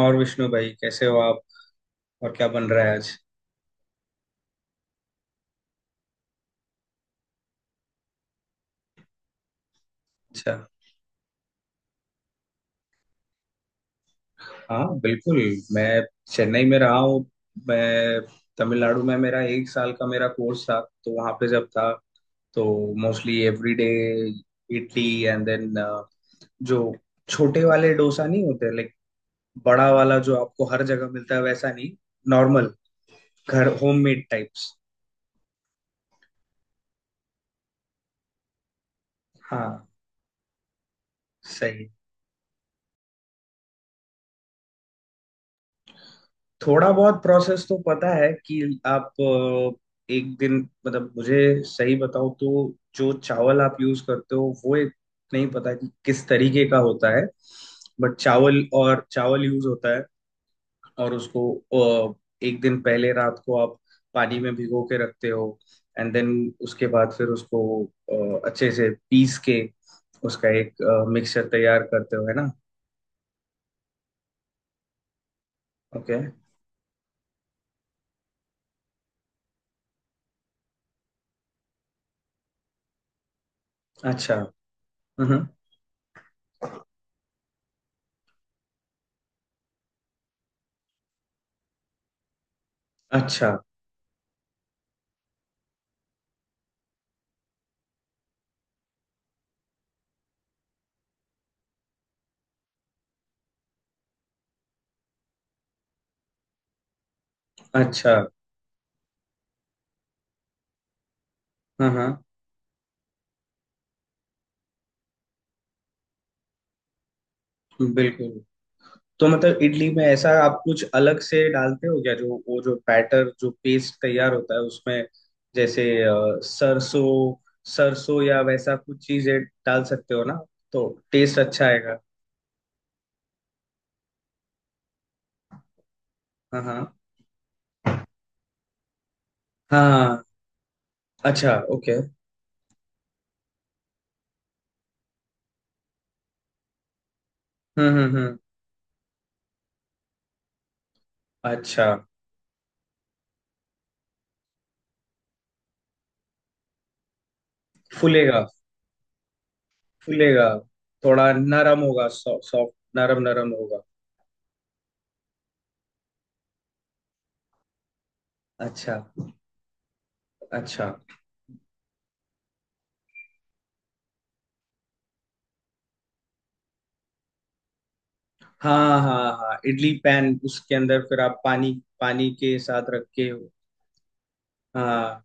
और विष्णु भाई, कैसे हो आप? और क्या बन रहा है आज? अच्छा। हाँ, बिल्कुल। मैं चेन्नई में रहा हूँ। मैं तमिलनाडु में, मेरा 1 साल का मेरा कोर्स था, तो वहाँ पे जब था तो mostly everyday idli and then जो छोटे वाले डोसा नहीं होते, लाइक बड़ा वाला जो आपको हर जगह मिलता है वैसा नहीं, नॉर्मल घर होममेड टाइप्स। हाँ। सही। थोड़ा बहुत प्रोसेस तो पता है कि आप एक दिन, मतलब मुझे सही बताओ तो जो चावल आप यूज करते हो वो एक, नहीं पता कि किस तरीके का होता है, बट चावल और चावल यूज होता है, और उसको अ, एक दिन पहले रात को आप पानी में भिगो के रखते हो, एंड देन उसके बाद फिर उसको अच्छे से पीस के उसका एक मिक्सचर तैयार करते हो, है ना? ओके। अच्छा। हम्म। अच्छा। अच्छा। हाँ, हाँ, बिल्कुल। तो मतलब इडली में ऐसा आप कुछ अलग से डालते हो क्या, जो वो जो बैटर जो पेस्ट तैयार होता है उसमें, जैसे सरसों, सरसों या वैसा कुछ चीजें डाल सकते हो ना, तो टेस्ट अच्छा आएगा। हाँ, हाँ। हाँ। अच्छा, ओके। हम्म, हम्म, हम्म। अच्छा। फूलेगा। फूलेगा, थोड़ा नरम होगा, सॉफ्ट सॉफ्ट नरम नरम होगा। अच्छा। अच्छा। हाँ, हाँ, हाँ, इडली पैन, उसके अंदर फिर आप पानी, पानी के साथ रख के। हाँ।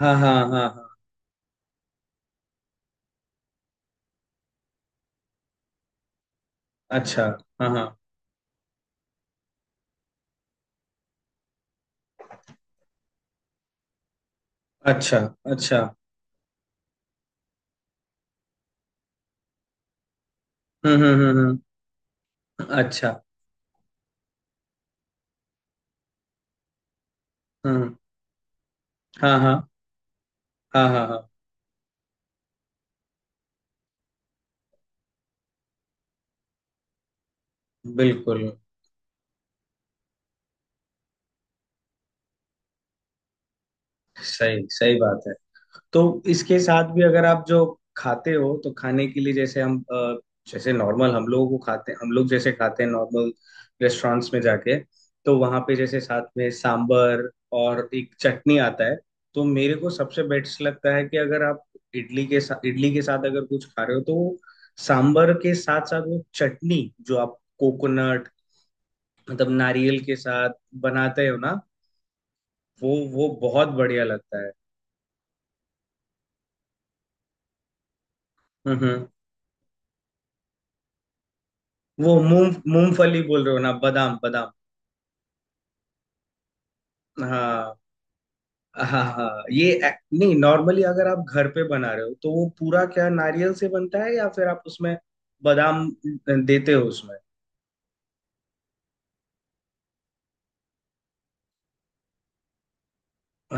हाँ, हाँ, हाँ, हाँ। अच्छा। हाँ, हाँ। अच्छा। अच्छा। हम्म, हम्म, हम्म। अच्छा। हम्म। हाँ, हाँ, हाँ, हाँ, हाँ, बिल्कुल। सही, सही बात है। तो इसके साथ भी अगर आप जो खाते हो तो खाने के लिए, जैसे हम जैसे नॉर्मल, हम लोगों को खाते हम लोग जैसे खाते हैं नॉर्मल, रेस्टोरेंट्स में जाके, तो वहाँ पे जैसे साथ में सांबर और एक चटनी आता है, तो मेरे को सबसे बेस्ट लगता है कि अगर आप इडली के साथ, इडली के साथ अगर कुछ खा रहे हो तो वो सांबर के साथ साथ वो चटनी जो आप कोकोनट, मतलब नारियल के साथ बनाते हो ना, वो बहुत बढ़िया लगता है। वो मूंग, मूंगफली बोल रहे हो ना, बादाम, बादाम। हाँ, हाँ, हाँ, नहीं, नॉर्मली अगर आप घर पे बना रहे हो तो वो पूरा क्या नारियल से बनता है, या फिर आप उसमें बादाम देते हो उसमें?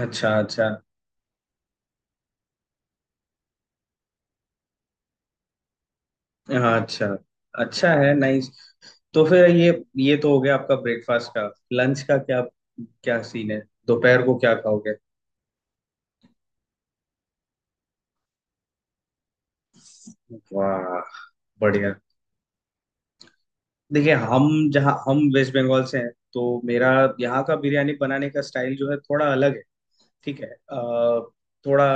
अच्छा, अच्छा। हाँ, अच्छा। अच्छा है, नाइस। तो फिर ये तो हो गया आपका ब्रेकफास्ट का, लंच का क्या, क्या सीन है, दोपहर को क्या खाओगे? वाह। बढ़िया। देखिए, हम वेस्ट बंगाल से हैं, तो मेरा यहाँ का बिरयानी बनाने का स्टाइल जो है थोड़ा अलग है, ठीक है। थोड़ा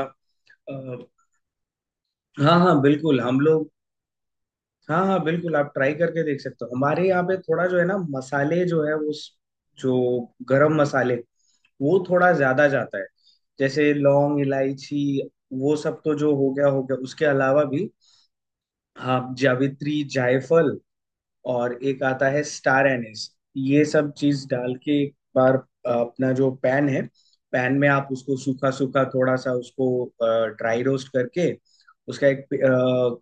अ, हाँ, हाँ, बिल्कुल हम लोग, हाँ, हाँ, बिल्कुल आप ट्राई करके देख सकते हो। हमारे यहाँ पे थोड़ा जो है ना, मसाले जो है जो गरम मसाले, वो थोड़ा ज्यादा जाता है। जैसे लौंग, इलायची, वो सब तो जो हो गया हो गया, उसके अलावा भी आप जावित्री, जायफल, और एक आता है स्टार एनिस। ये सब चीज डाल के एक बार अपना जो पैन है, पैन में आप उसको सूखा सूखा थोड़ा सा उसको ड्राई रोस्ट करके उसका एक,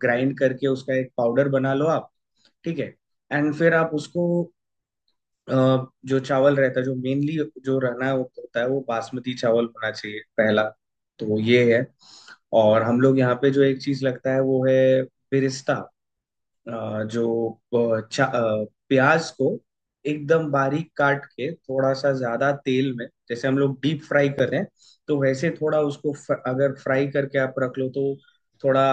ग्राइंड करके उसका एक पाउडर बना लो आप, ठीक है। एंड फिर आप उसको अ, जो चावल रहता है जो मेनली जो रहना है वो होता है, वो बासमती चावल होना चाहिए पहला। तो ये है। और हम लोग यहाँ पे जो एक चीज लगता है वो है बिरिस्ता। जो प्याज को एकदम बारीक काट के, थोड़ा सा ज्यादा तेल में जैसे हम लोग डीप फ्राई कर रहे हैं, तो वैसे थोड़ा उसको अगर फ्राई करके आप रख लो तो थोड़ा,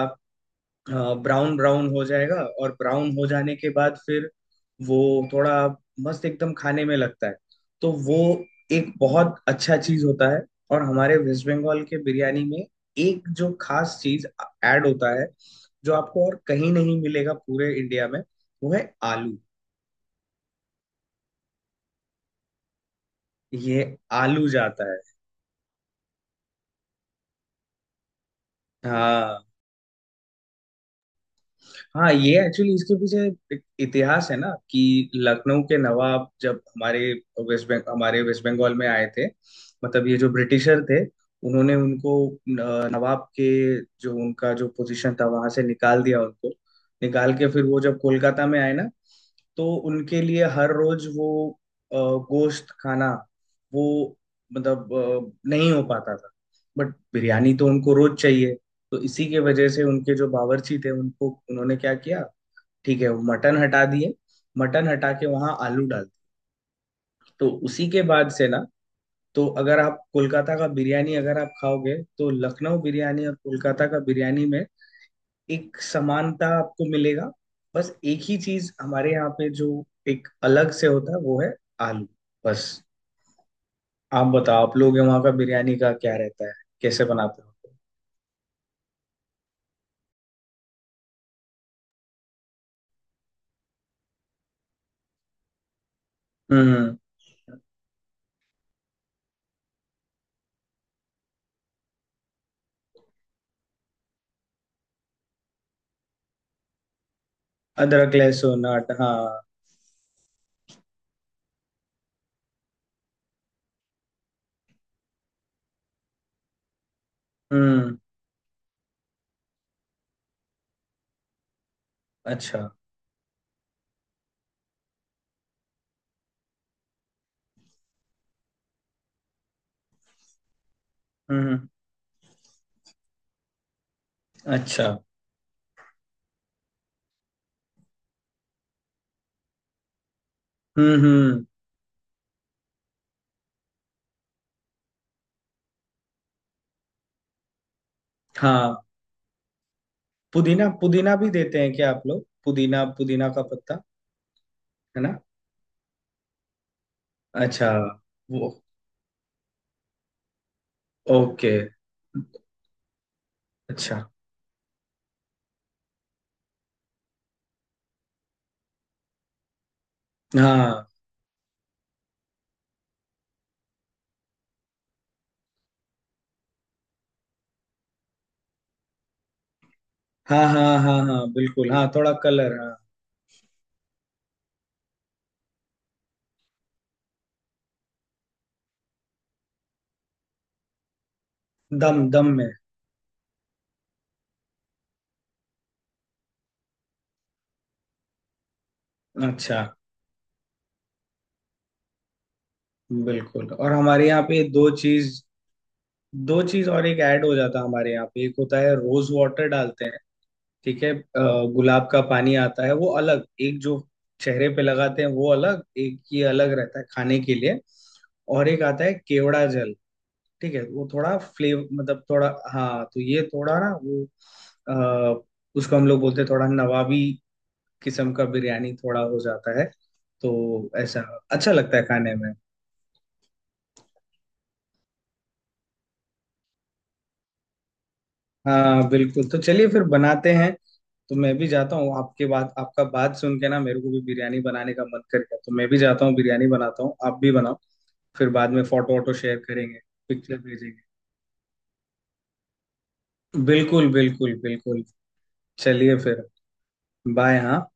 हाँ, ब्राउन ब्राउन हो जाएगा। और ब्राउन हो जाने के बाद फिर वो थोड़ा मस्त एकदम खाने में लगता है, तो वो एक बहुत अच्छा चीज होता है। और हमारे वेस्ट बंगाल के बिरयानी में एक जो खास चीज ऐड होता है, जो आपको और कहीं नहीं मिलेगा पूरे इंडिया में, वो है आलू। ये आलू जाता है। हाँ, हाँ, ये एक्चुअली इसके पीछे एक इतिहास है ना, कि लखनऊ के नवाब जब हमारे वेस्ट बंग हमारे वेस्ट बंगाल में आए थे, मतलब ये जो ब्रिटिशर थे उन्होंने उनको नवाब के जो उनका जो पोजीशन था वहां से निकाल दिया उनको, निकाल के फिर वो जब कोलकाता में आए ना, तो उनके लिए हर रोज वो अ, गोश्त खाना वो मतलब नहीं हो पाता था, बट बिरयानी तो उनको रोज चाहिए, तो इसी के वजह से उनके जो बावर्ची थे उनको, उन्होंने क्या किया, ठीक है, वो मटन हटा दिए, मटन हटा के वहां आलू डाल दिए। तो उसी के बाद से ना, तो अगर आप कोलकाता का बिरयानी अगर आप खाओगे तो लखनऊ बिरयानी और कोलकाता का बिरयानी में एक समानता आपको मिलेगा, बस एक ही चीज हमारे यहाँ पे जो एक अलग से होता है वो है आलू, बस। आप बताओ, आप लोग वहाँ का बिरयानी का क्या रहता है, कैसे बनाते हो? हम्म। अदरक, लहसुन, आटा, हाँ। हम्म। अच्छा। हम्म। अच्छा। हम्म, हम्म। हाँ। पुदीना, पुदीना भी देते हैं क्या आप लोग, पुदीना, पुदीना का पत्ता, है ना? अच्छा। वो, ओके। अच्छा। हाँ, हाँ, हाँ, हाँ, हाँ, बिल्कुल, हाँ, थोड़ा कलर, हाँ। दम, दम में। अच्छा। बिल्कुल, और हमारे यहाँ पे दो चीज, दो चीज और एक ऐड हो जाता है हमारे यहाँ पे, एक होता है रोज वाटर डालते हैं, ठीक है। गुलाब का पानी आता है, वो अलग, एक जो चेहरे पे लगाते हैं वो अलग, एक ये अलग रहता है खाने के लिए। और एक आता है केवड़ा जल, ठीक है, वो थोड़ा फ्लेवर, मतलब थोड़ा, हाँ, तो ये थोड़ा ना वो अ, उसको हम लोग बोलते हैं थोड़ा नवाबी किस्म का बिरयानी थोड़ा हो जाता है, तो ऐसा अच्छा लगता है खाने में। हाँ, बिल्कुल, तो चलिए फिर बनाते हैं। तो मैं भी जाता हूँ, आपके बात आपका बात सुन के ना मेरे को भी बिरयानी बनाने का मन कर गया, तो मैं भी जाता हूँ, बिरयानी बनाता हूँ, आप भी बनाओ। फिर बाद में फोटो वोटो शेयर करेंगे, पिक्चर भेजेंगे। बिल्कुल, बिल्कुल, बिल्कुल। चलिए फिर, बाय, हाँ।